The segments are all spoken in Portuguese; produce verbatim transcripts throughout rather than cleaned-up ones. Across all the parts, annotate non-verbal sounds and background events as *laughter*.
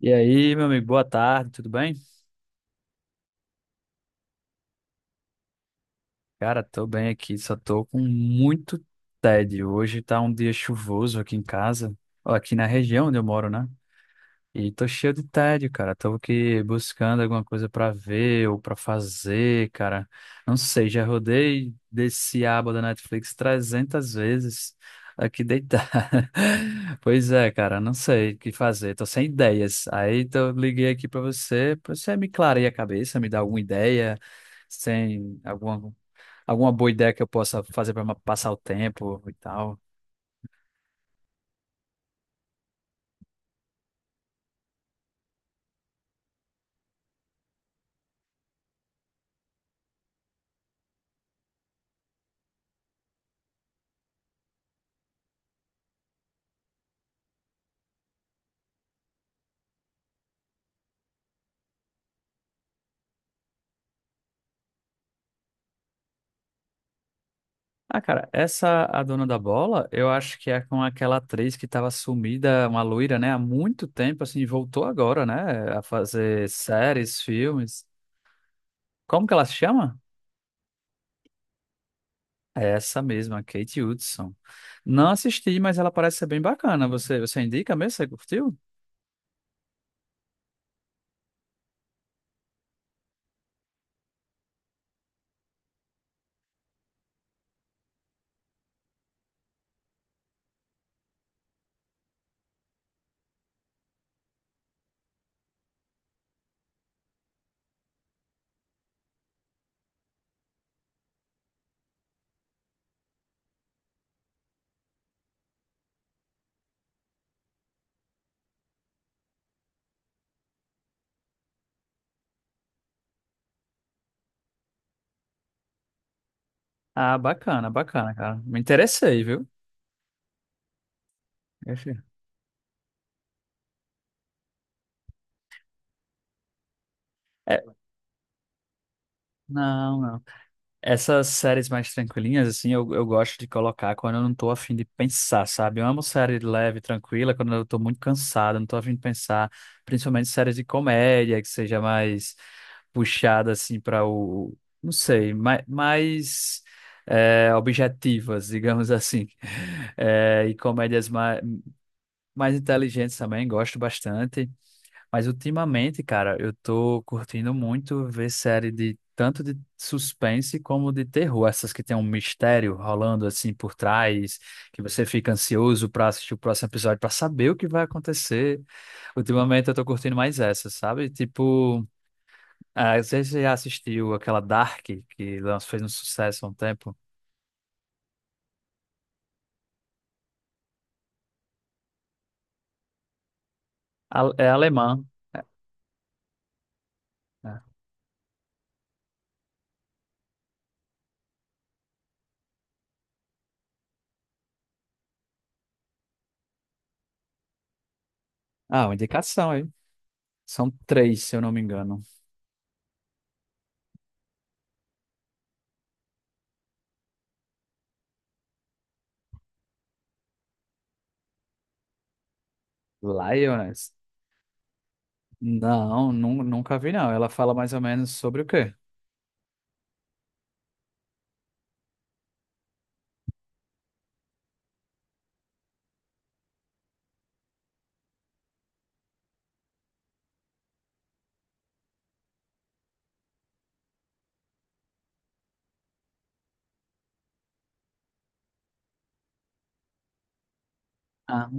E aí, meu amigo, boa tarde, tudo bem? Cara, tô bem aqui, só tô com muito tédio. Hoje tá um dia chuvoso aqui em casa, ó, aqui na região onde eu moro, né? E tô cheio de tédio, cara. Tô aqui buscando alguma coisa pra ver ou pra fazer, cara. Não sei, já rodei desse aba da Netflix trezentas vezes aqui deitado. *laughs* Pois é, cara, não sei o que fazer. Tô sem ideias. Aí tô liguei aqui pra você, pra você me clarear a cabeça, me dar alguma ideia, sem alguma alguma boa ideia que eu possa fazer pra ma- passar o tempo e tal. Ah, cara, essa a dona da bola, eu acho que é com aquela atriz que estava sumida, uma loira, né, há muito tempo, assim, voltou agora, né, a fazer séries, filmes. Como que ela se chama? É essa mesma, Kate Hudson. Não assisti, mas ela parece ser bem bacana. Você, você indica mesmo? Você curtiu? Ah, bacana, bacana, cara. Me interessei, viu? Achei. É, não, não. Essas séries mais tranquilinhas, assim, eu, eu gosto de colocar quando eu não tô afim de pensar, sabe? Eu amo série leve, tranquila, quando eu tô muito cansado, não tô afim de pensar, principalmente séries de comédia, que seja mais puxada, assim, para o, não sei, mais, mais é, objetivas, digamos assim. *laughs* É, e comédias mais, mais inteligentes também, gosto bastante. Mas ultimamente, cara, eu tô curtindo muito ver série de tanto de suspense como de terror, essas que tem um mistério rolando assim por trás, que você fica ansioso pra assistir o próximo episódio pra saber o que vai acontecer. Ultimamente eu tô curtindo mais essas, sabe? Tipo, ah, você já assistiu aquela Dark que lan- fez um sucesso há um tempo? A- É alemã. É. É. Ah, uma indicação aí. São três, se eu não me engano. Lioness. Não, nun- nunca vi não. Ela fala mais ou menos sobre o quê? Ah,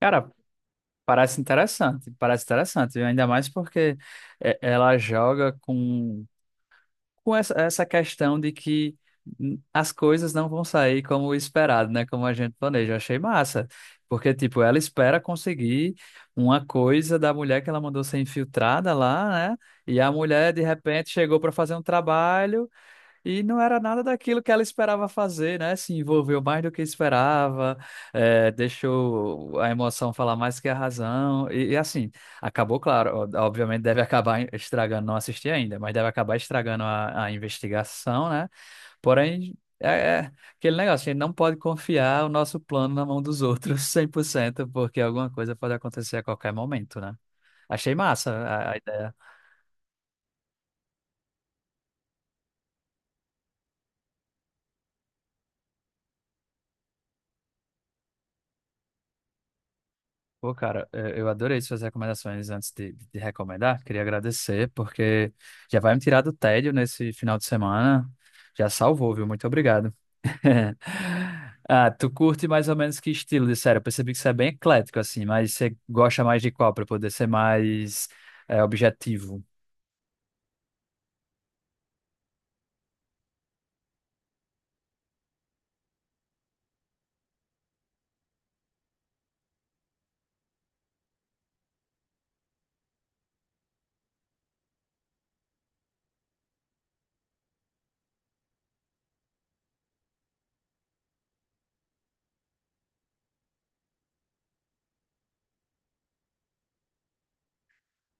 cara, parece interessante, parece interessante, ainda mais porque é, ela joga com, com essa, essa questão de que hum, as coisas não vão sair como esperado, né? Como a gente planeja. Achei massa, porque, tipo, ela espera conseguir uma coisa da mulher que ela mandou ser infiltrada lá, né? E a mulher, de repente, chegou para fazer um trabalho. E não era nada daquilo que ela esperava fazer, né? Se envolveu mais do que esperava, eh, deixou a emoção falar mais que a razão. E, e assim, acabou, claro, ó, obviamente deve acabar estragando, não assisti ainda, mas deve acabar estragando a, a investigação, né? Porém, é, é aquele negócio, a gente não pode confiar o nosso plano na mão dos outros *laughs* cem por cento, porque alguma coisa pode acontecer a qualquer momento, né? Achei massa a a ideia. Pô, cara, eh, eu adorei suas recomendações antes de, de recomendar. Queria agradecer, porque já vai me tirar do tédio nesse final de semana. Já salvou, viu? Muito obrigado. *laughs* Ah, tu curte mais ou menos que estilo de série? Eu percebi que você é bem eclético, assim, mas você gosta mais de qual para poder ser mais eh, objetivo?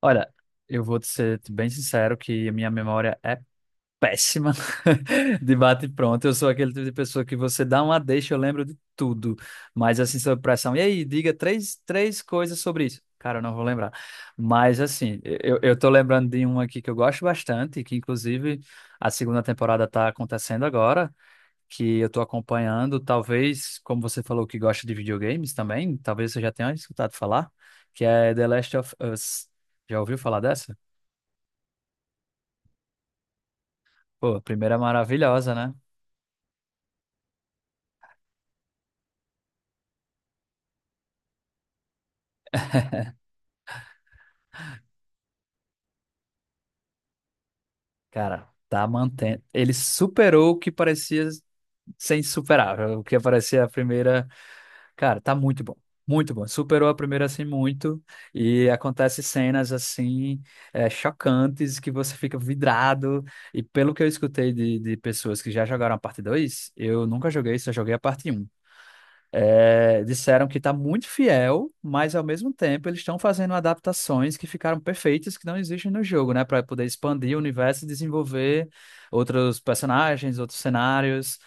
Olha, eu vou te ser bem sincero que a minha memória é péssima *laughs* de bate e pronto. Eu sou aquele tipo de pessoa que você dá uma deixa, eu lembro de tudo. Mas assim, sob pressão. E aí, diga três, três coisas sobre isso. Cara, eu não vou lembrar. Mas assim, eu, eu tô lembrando de um aqui que eu gosto bastante, que inclusive a segunda temporada tá acontecendo agora, que eu tô acompanhando. Talvez, como você falou que gosta de videogames também, talvez você já tenha escutado falar, que é The Last of Us. Já ouviu falar dessa? Pô, a primeira é maravilhosa, né? Cara, tá mantendo. Ele superou o que parecia ser insuperável, o que parecia a primeira. Cara, tá muito bom. Muito bom. Superou a primeira assim muito. E acontece cenas assim é, chocantes que você fica vidrado. E pelo que eu escutei de, de pessoas que já jogaram a parte dois, eu nunca joguei, só joguei a parte um. É, disseram que está muito fiel, mas ao mesmo tempo eles estão fazendo adaptações que ficaram perfeitas, que não existem no jogo, né? Para poder expandir o universo e desenvolver outros personagens, outros cenários,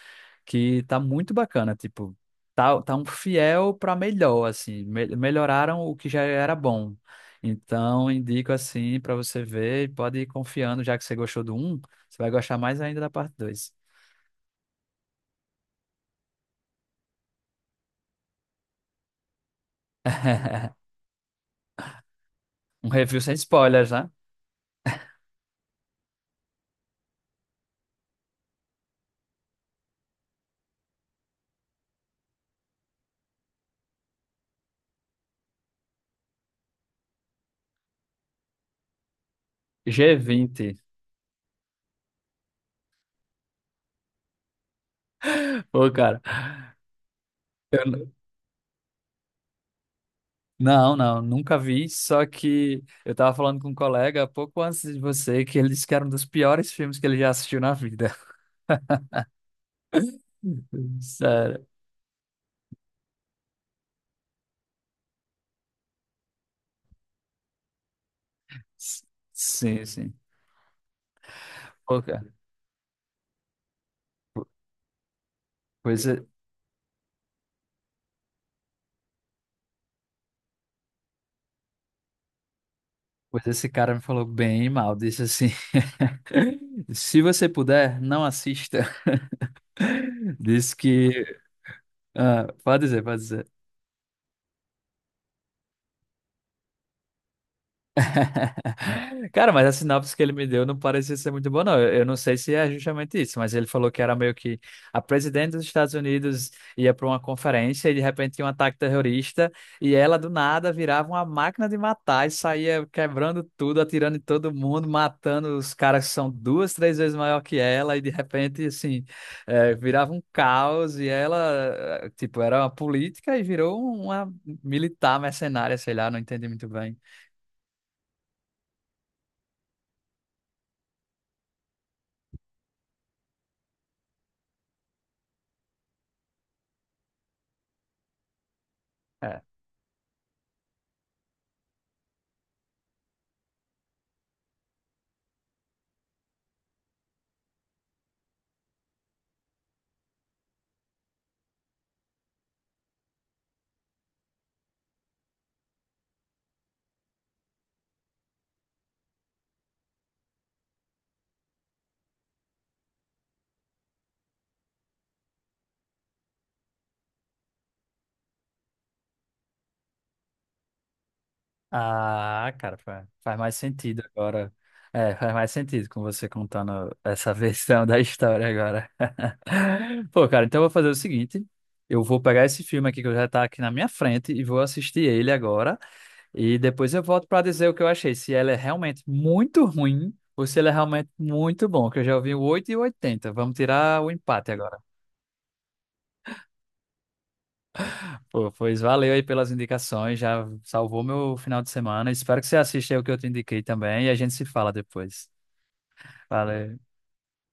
que tá muito bacana. Tipo, tá, tá um fiel para melhor, assim. Me- melhoraram o que já era bom. Então, indico assim para você ver e pode ir confiando, já que você gostou do um, você vai gostar mais ainda da parte dois. *laughs* Um review sem spoilers, né? G vinte. Pô, cara, eu n- não, não, nunca vi, só que eu tava falando com um colega pouco antes de você que ele disse que era um dos piores filmes que ele já assistiu na vida. *laughs* Sério. S- Sim, sim. Pô, cara, pois, é- pois esse cara me falou bem mal, disse assim, *laughs* se você puder, não assista. *laughs* Disse que, ah, pode dizer, pode dizer. *laughs* Cara, mas a sinopse que ele me deu não parecia ser muito boa, não. Eu, eu não sei se é justamente isso, mas ele falou que era meio que a presidente dos Estados Unidos ia para uma conferência e de repente tinha um ataque terrorista e ela do nada virava uma máquina de matar e saía quebrando tudo, atirando em todo mundo, matando os caras que são duas, três vezes maior que ela e de repente, assim, eh, virava um caos e ela, eh, tipo, era uma política e virou uma militar mercenária, sei lá, não entendi muito bem. É. Ah, cara, fa- faz mais sentido agora. É, faz mais sentido com você contando essa *laughs* versão da história agora. *laughs* Pô, cara, então eu vou fazer o seguinte: eu vou pegar esse filme aqui que já tá aqui na minha frente e vou assistir ele agora. E depois eu volto pra dizer o que eu achei: se ele é realmente muito ruim ou se ele é realmente muito bom, que eu já ouvi o oito e o oitenta. Vamos tirar o empate agora. Pô, pois valeu aí pelas indicações, já salvou meu final de semana. Espero que você assista aí o que eu te indiquei também e a gente se fala depois. Valeu,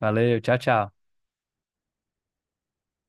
valeu, tchau, tchau.